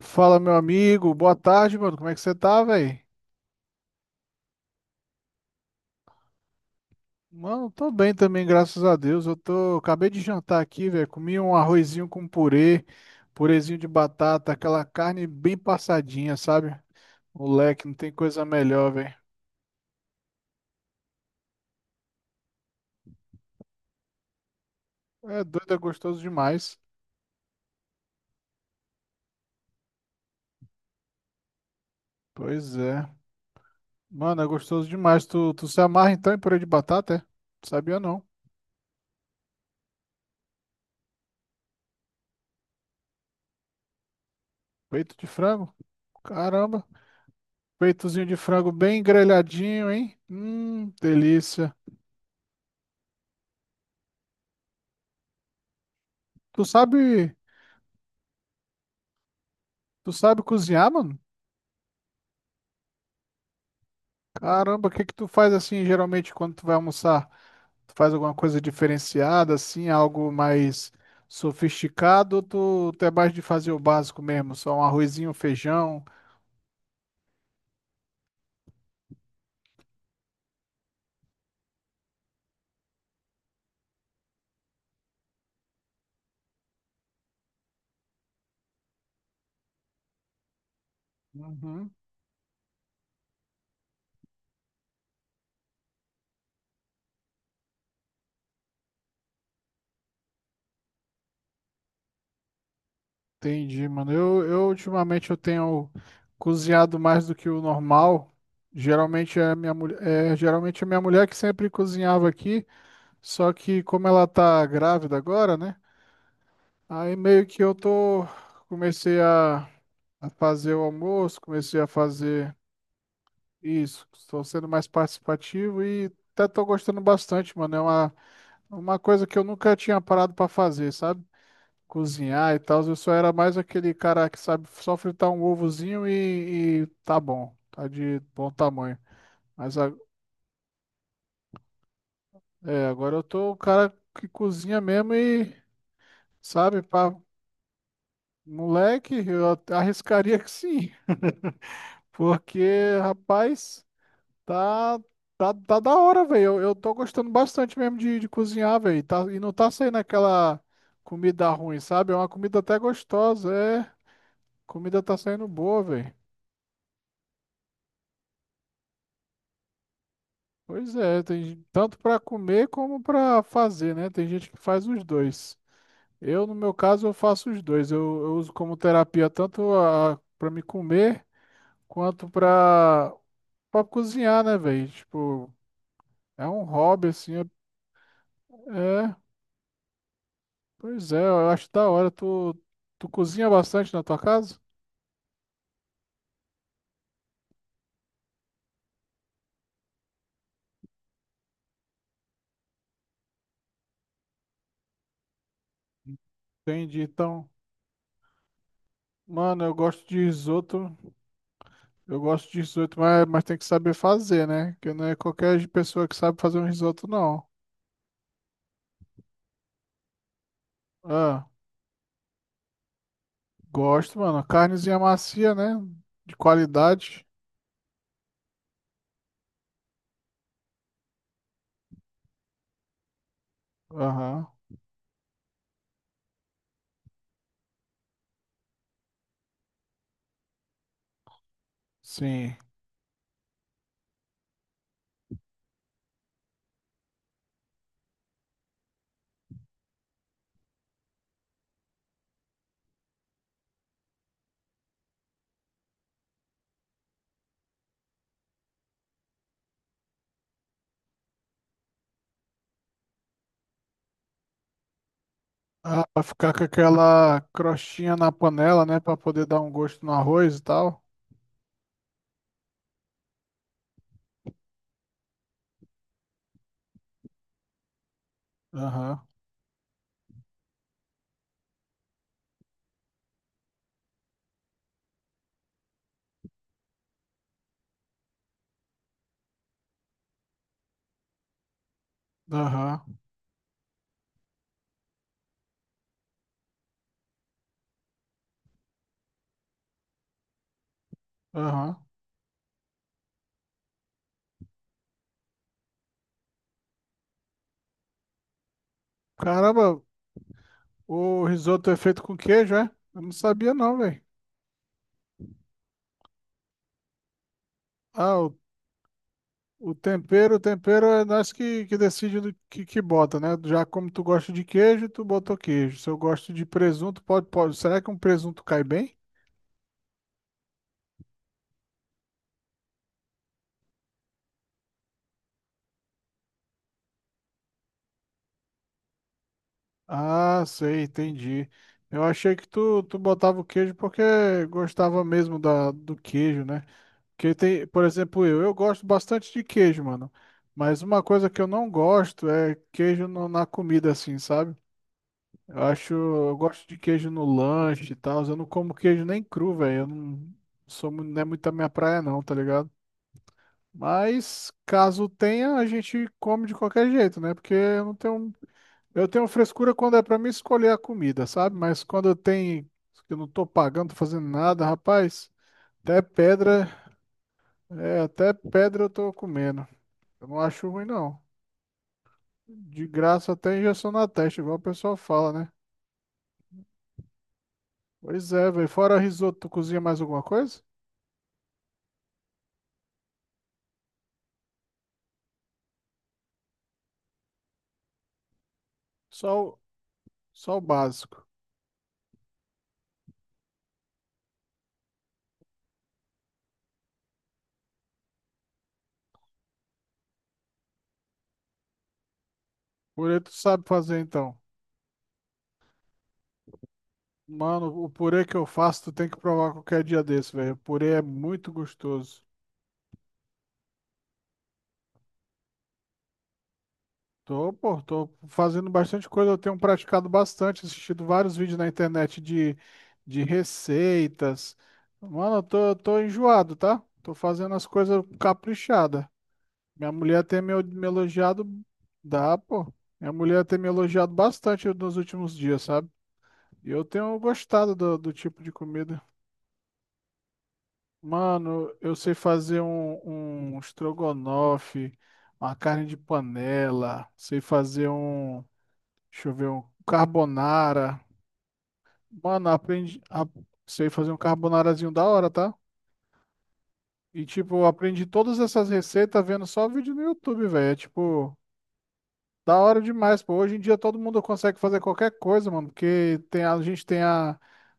Fala, meu amigo. Boa tarde, mano. Como é que você tá, velho? Mano, tô bem também, graças a Deus. Acabei de jantar aqui, velho. Comi um arrozinho com purê, purezinho de batata, aquela carne bem passadinha, sabe? Moleque, não tem coisa melhor, velho. É doido, é gostoso demais. Pois é. Mano, é gostoso demais. Tu se amarra então em purê de batata, é? Sabia não. Peito de frango? Caramba. Peitozinho de frango bem grelhadinho, hein? Delícia. Tu sabe. Tu sabe cozinhar, mano? Caramba, o que que tu faz assim geralmente quando tu vai almoçar? Tu faz alguma coisa diferenciada, assim, algo mais sofisticado, ou tu é mais de fazer o básico mesmo, só um arrozinho, um feijão? Uhum. Entendi, mano. Eu ultimamente eu tenho cozinhado mais do que o normal. Geralmente é a minha mulher, é, geralmente é minha mulher que sempre cozinhava aqui, só que como ela tá grávida agora, né? Aí meio que eu tô comecei a fazer o almoço, comecei a fazer isso, estou sendo mais participativo e até tô gostando bastante, mano. Uma coisa que eu nunca tinha parado pra fazer, sabe? Cozinhar e tal. Eu só era mais aquele cara que sabe só fritar um ovozinho e tá bom, tá de bom tamanho. Mas a- é, agora eu tô o cara que cozinha mesmo e sabe, pra moleque, eu arriscaria que sim. Porque, rapaz, tá, tá da hora, velho. Eu tô gostando bastante mesmo de cozinhar, velho. Tá, e não tá saindo aquela comida ruim, sabe? É uma comida até gostosa, é. Comida tá saindo boa, velho. Pois é, tanto para comer como para fazer, né? Tem gente que faz os dois. Eu, no meu caso, eu faço os dois. Eu uso como terapia tanto a para me comer quanto para cozinhar, né, velho? Tipo, é um hobby assim. É, pois é, eu acho da hora. Tu cozinha bastante na tua casa? Entendi. Então, mano, eu gosto de risoto. Eu gosto de risoto, mas tem que saber fazer, né? Porque não é qualquer pessoa que sabe fazer um risoto, não. Ah. Gosto, mano. Carnezinha macia, né? De qualidade. Aham, sim. Ah, pra ficar com aquela crostinha na panela, né? Pra poder dar um gosto no arroz e tal. Aham, aham, aham. Caramba, o risoto é feito com queijo, é? Eu não sabia não, velho. Ah, o tempero, o tempero é nós que decide do que bota, né? Já como tu gosta de queijo, tu botou queijo. Se eu gosto de presunto, pode, pode. Será que um presunto cai bem? Ah, sei, entendi. Eu achei que tu botava o queijo porque gostava mesmo da, do queijo, né? Porque tem, por exemplo, eu gosto bastante de queijo, mano. Mas uma coisa que eu não gosto é queijo na comida, assim, sabe? Eu acho, eu gosto de queijo no lanche e tal. Eu não como queijo nem cru, velho. Eu não sou, não é muito a minha praia não, tá ligado? Mas caso tenha, a gente come de qualquer jeito, né? Porque eu não tenho, eu tenho frescura quando é pra mim escolher a comida, sabe? Mas quando eu tenho, que eu não tô pagando, tô fazendo nada, rapaz, até pedra, é, até pedra eu tô comendo. Eu não acho ruim não. De graça até injeção na testa, igual o pessoal fala, né? Pois é, velho. Fora risoto, tu cozinha mais alguma coisa? Só, só o básico. Purê tu sabe fazer então. Mano, o purê que eu faço, tu tem que provar qualquer dia desse, velho. O purê é muito gostoso. Tô, pô, tô fazendo bastante coisa, eu tenho praticado bastante, assistido vários vídeos na internet de receitas. Mano, eu tô enjoado, tá? Tô fazendo as coisas caprichada. Minha mulher tem me, me elogiado, dá, pô. Minha mulher tem me elogiado bastante nos últimos dias, sabe? E eu tenho gostado do tipo de comida. Mano, eu sei fazer um, um estrogonofe, uma carne de panela, sei fazer um, deixa eu ver, um carbonara. Mano, aprendi, a- sei fazer um carbonarazinho da hora, tá? E tipo, eu aprendi todas essas receitas vendo só vídeo no YouTube, velho. É tipo, da hora demais, pô. Hoje em dia todo mundo consegue fazer qualquer coisa, mano, porque tem, a gente tem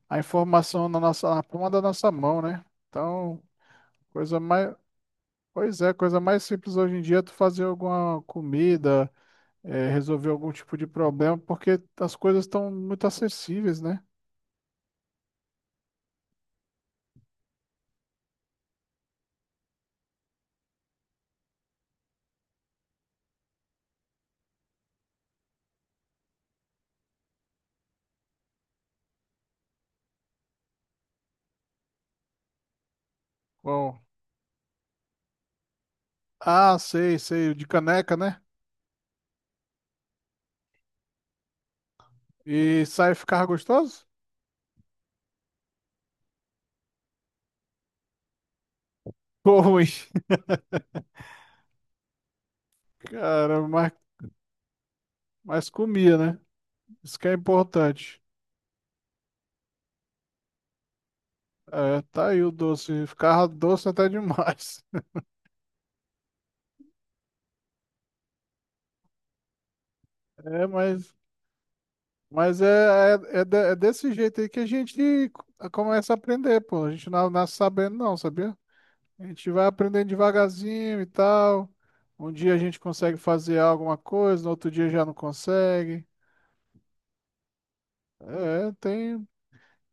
a informação na nossa, na palma da nossa mão, né? Então, coisa mais pois é, a coisa mais simples hoje em dia é tu fazer alguma comida, é, resolver algum tipo de problema, porque as coisas estão muito acessíveis, né? Bom, ah, sei, o de caneca, né? E sai ficar gostoso? Pô, ruim, cara, mas comia, né? Isso que é importante. É, tá aí o doce, ficava doce até demais. É, mas, é desse jeito aí que a gente começa a aprender, pô. A gente não nasce sabendo, não, sabia? A gente vai aprendendo devagarzinho e tal. Um dia a gente consegue fazer alguma coisa, no outro dia já não consegue. É, tem,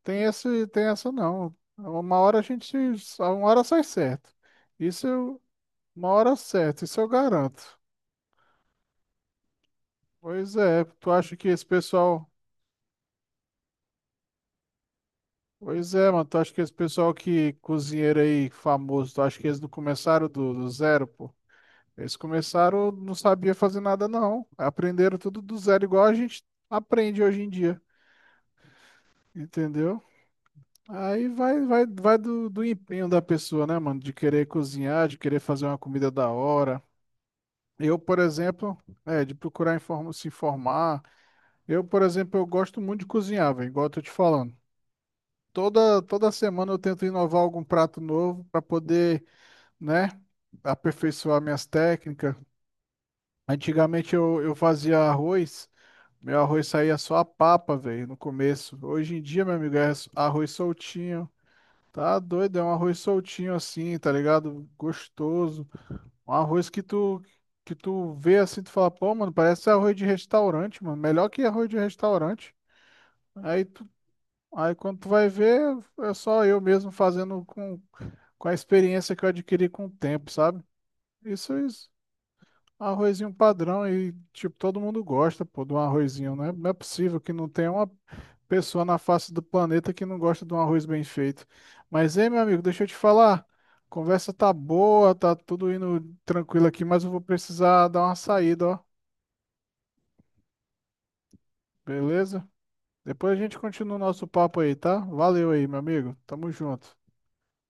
tem esse, tem essa não. Uma hora a gente, se- uma hora sai certo. Isso eu, uma hora certa, isso eu garanto. Pois é, tu acha que esse pessoal, pois é, mano, tu acha que esse pessoal que cozinheiro aí famoso, tu acha que eles não começaram do zero, pô? Eles começaram, não sabia fazer nada, não. Aprenderam tudo do zero, igual a gente aprende hoje em dia, entendeu? Aí vai do empenho da pessoa, né, mano? De querer cozinhar, de querer fazer uma comida da hora. Eu, por exemplo, é, de procurar se informar. Eu, por exemplo, eu gosto muito de cozinhar, velho, igual eu tô te falando. Toda semana eu tento inovar algum prato novo para poder, né, aperfeiçoar minhas técnicas. Antigamente eu fazia arroz. Meu arroz saía só a papa, velho, no começo. Hoje em dia, meu amigo, é arroz soltinho. Tá doido, é um arroz soltinho assim, tá ligado? Gostoso. Um arroz que tu vê assim, tu fala, pô, mano, parece arroz de restaurante, mano. Melhor que arroz de restaurante. Aí tu, aí quando tu vai ver, é só eu mesmo fazendo com a experiência que eu adquiri com o tempo, sabe? Isso, isso Arrozinho padrão e, tipo, todo mundo gosta, pô, de um arrozinho, né? Não é possível que não tenha uma pessoa na face do planeta que não gosta de um arroz bem feito. Mas, ei, meu amigo, deixa eu te falar. Conversa tá boa, tá tudo indo tranquilo aqui, mas eu vou precisar dar uma saída, ó. Beleza? Depois a gente continua o nosso papo aí, tá? Valeu aí, meu amigo. Tamo junto.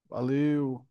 Valeu.